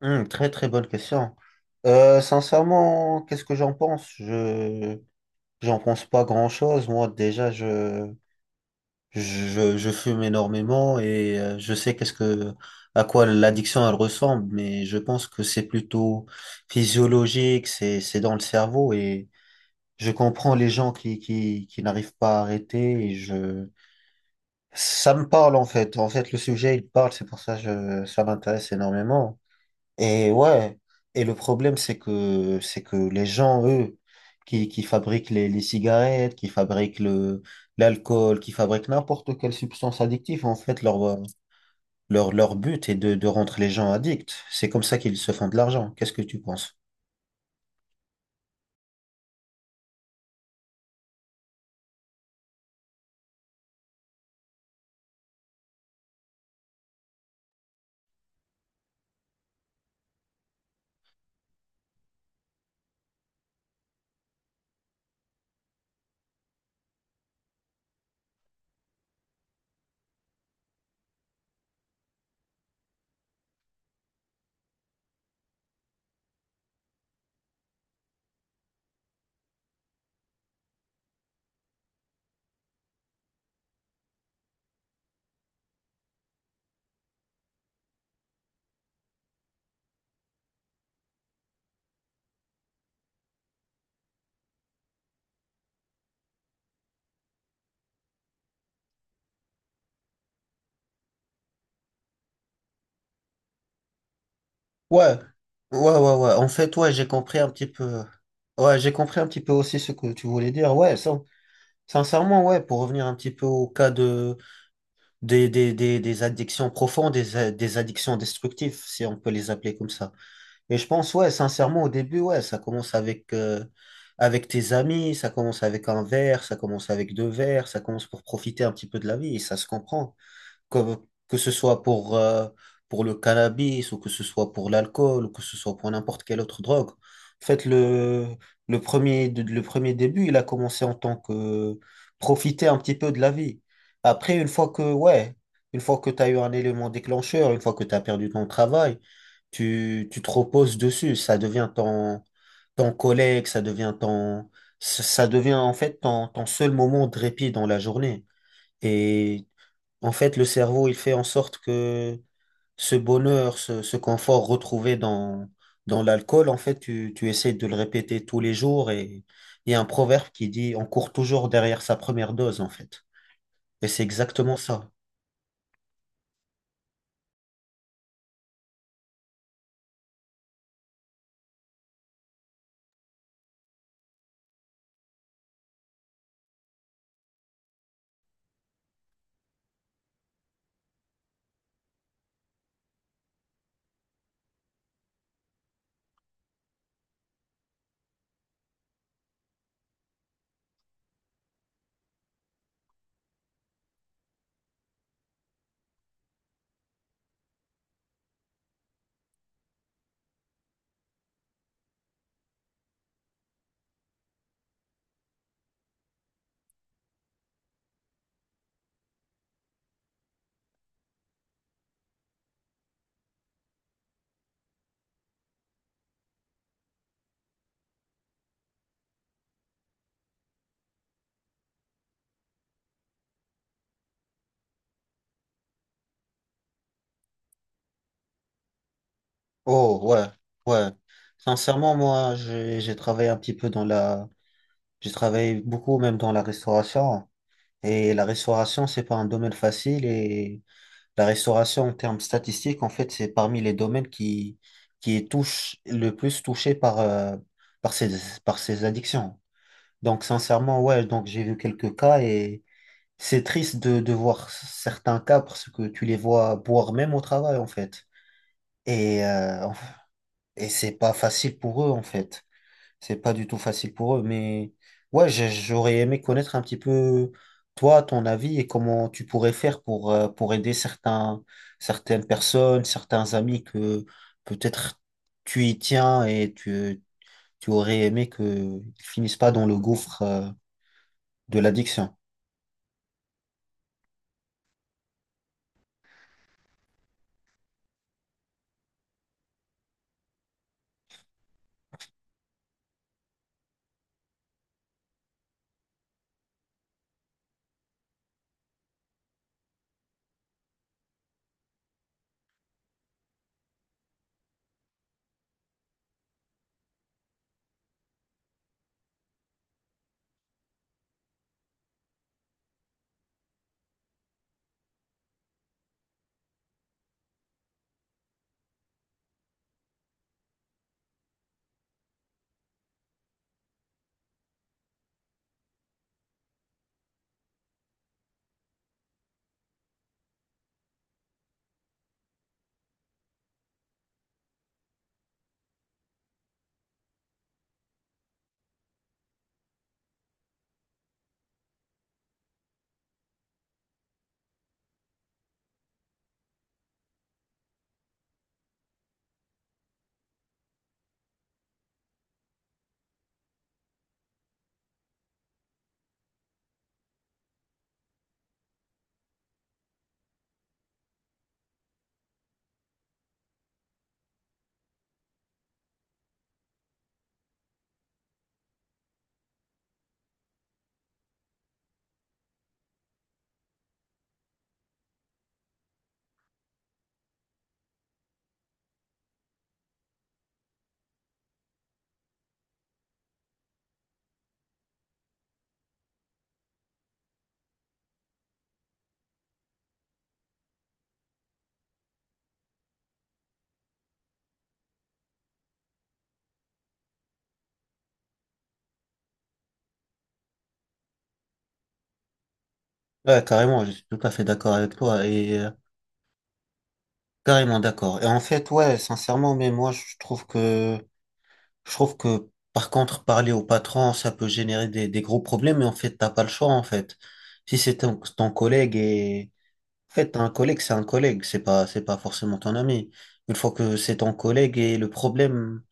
Hmm, très très bonne question. Sincèrement, qu'est-ce que j'en pense? Je j'en pense pas grand-chose. Moi, déjà, je fume énormément et je sais qu'est-ce que à quoi l'addiction elle ressemble, mais je pense que c'est plutôt physiologique, c'est dans le cerveau et je comprends les gens qui n'arrivent pas à arrêter et je ça me parle en fait. En fait, le sujet il parle, c'est pour ça que je ça m'intéresse énormément. Et ouais, et le problème, c'est que les gens, eux, qui fabriquent les cigarettes, l'alcool, qui fabriquent n'importe quelle substance addictive, en fait, leur but est de rendre les gens addicts. C'est comme ça qu'ils se font de l'argent. Qu'est-ce que tu penses? Ouais, ouais, ouais, ouais. En fait, ouais, j'ai compris un petit peu. Ouais, j'ai compris un petit peu aussi ce que tu voulais dire. Ouais, sincèrement, ouais, pour revenir un petit peu des addictions profondes, des addictions destructives, si on peut les appeler comme ça. Et je pense, ouais, sincèrement, au début, ouais, ça commence avec, avec tes amis, ça commence avec un verre, ça commence avec deux verres, ça commence pour profiter un petit peu de la vie, et ça se comprend que, que ce soit pour le cannabis ou que ce soit pour l'alcool ou que ce soit pour n'importe quelle autre drogue. En fait, le premier début, il a commencé en tant que profiter un petit peu de la vie. Après, une fois que, ouais, une fois que tu as eu un élément déclencheur, une fois que tu as perdu ton travail, tu te reposes dessus. Ça devient ton collègue, ça devient en fait ton seul moment de répit dans la journée. Et en fait, le cerveau, il fait en sorte que ce bonheur, ce confort retrouvé dans l'alcool, en fait, tu essaies de le répéter tous les jours et il y a un proverbe qui dit on court toujours derrière sa première dose, en fait. Et c'est exactement ça. Oh, ouais, ouais. Sincèrement, moi, j'ai travaillé un petit peu j'ai travaillé beaucoup même dans la restauration et la restauration, c'est pas un domaine facile et la restauration, en termes statistiques, en fait, c'est parmi les domaines qui est le plus touché par, par par ces addictions. Donc, sincèrement, ouais, donc j'ai vu quelques cas et c'est triste de voir certains cas parce que tu les vois boire même au travail, en fait. Et, et c'est pas facile pour eux, en fait. C'est pas du tout facile pour eux, mais ouais, j'aurais aimé connaître un petit peu toi, ton avis et comment tu pourrais faire pour aider certaines personnes, certains amis que peut-être tu y tiens et tu aurais aimé qu'ils finissent pas dans le gouffre, de l'addiction. Ouais, carrément, je suis tout à fait d'accord avec toi et carrément d'accord. Et en fait, ouais, sincèrement, mais moi, je trouve que par contre, parler au patron, ça peut générer des gros problèmes, mais en fait, t'as pas le choix, en fait. Si c'est ton collègue et, en fait, un collègue, c'est un collègue, c'est pas forcément ton ami. Une fois que c'est ton collègue et le problème,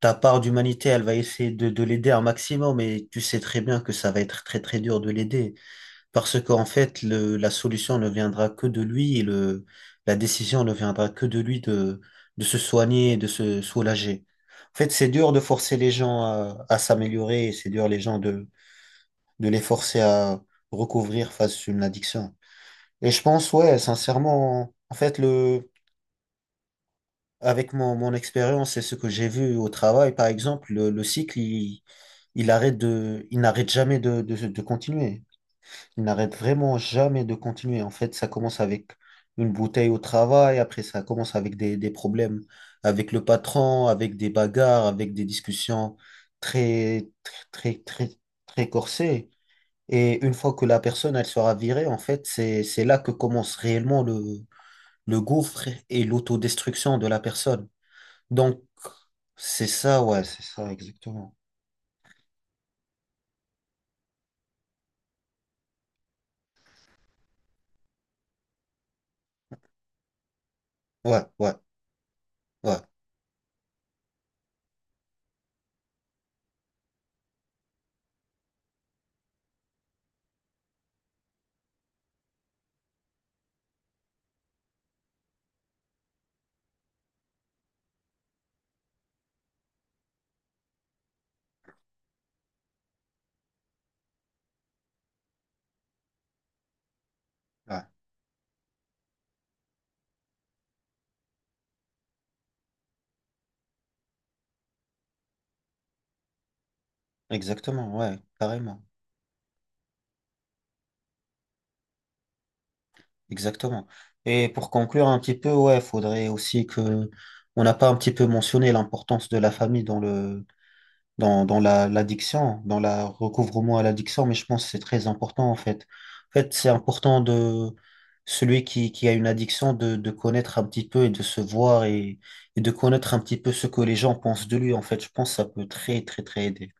ta part d'humanité, elle va essayer de l'aider un maximum, mais tu sais très bien que ça va être très, très dur de l'aider. Parce qu'en fait, la solution ne viendra que de lui et la décision ne viendra que de lui de se soigner et de se soulager. En fait, c'est dur de forcer les gens à s'améliorer et c'est dur les gens de les forcer à recouvrir face à une addiction. Et je pense, ouais, sincèrement, en fait, avec mon expérience et ce que j'ai vu au travail, par exemple, le cycle, il arrête il n'arrête jamais de continuer. Il n'arrête vraiment jamais de continuer. En fait, ça commence avec une bouteille au travail, après ça commence avec des problèmes avec le patron, avec des bagarres, avec des discussions très, très, très, très, très corsées. Et une fois que la personne, elle sera virée, en fait, c'est là que commence réellement le gouffre et l'autodestruction de la personne. Donc, c'est ça, ouais, c'est ça, exactement. Ouais, ouais, ouais, ouais, exactement, ouais, carrément. Exactement. Et pour conclure un petit peu, ouais, faudrait aussi que on n'a pas un petit peu mentionné l'importance de la famille dans le dans la l'addiction, dans la recouvrement à l'addiction, mais je pense que c'est très important en fait. En fait, c'est important de celui qui a une addiction de connaître un petit peu et de se voir et de connaître un petit peu ce que les gens pensent de lui. En fait, je pense que ça peut très très très aider.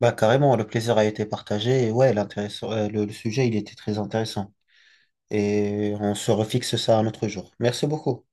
Bah carrément, le plaisir a été partagé et ouais, l'intéressant, le sujet, il était très intéressant. Et on se refixe ça un autre jour. Merci beaucoup.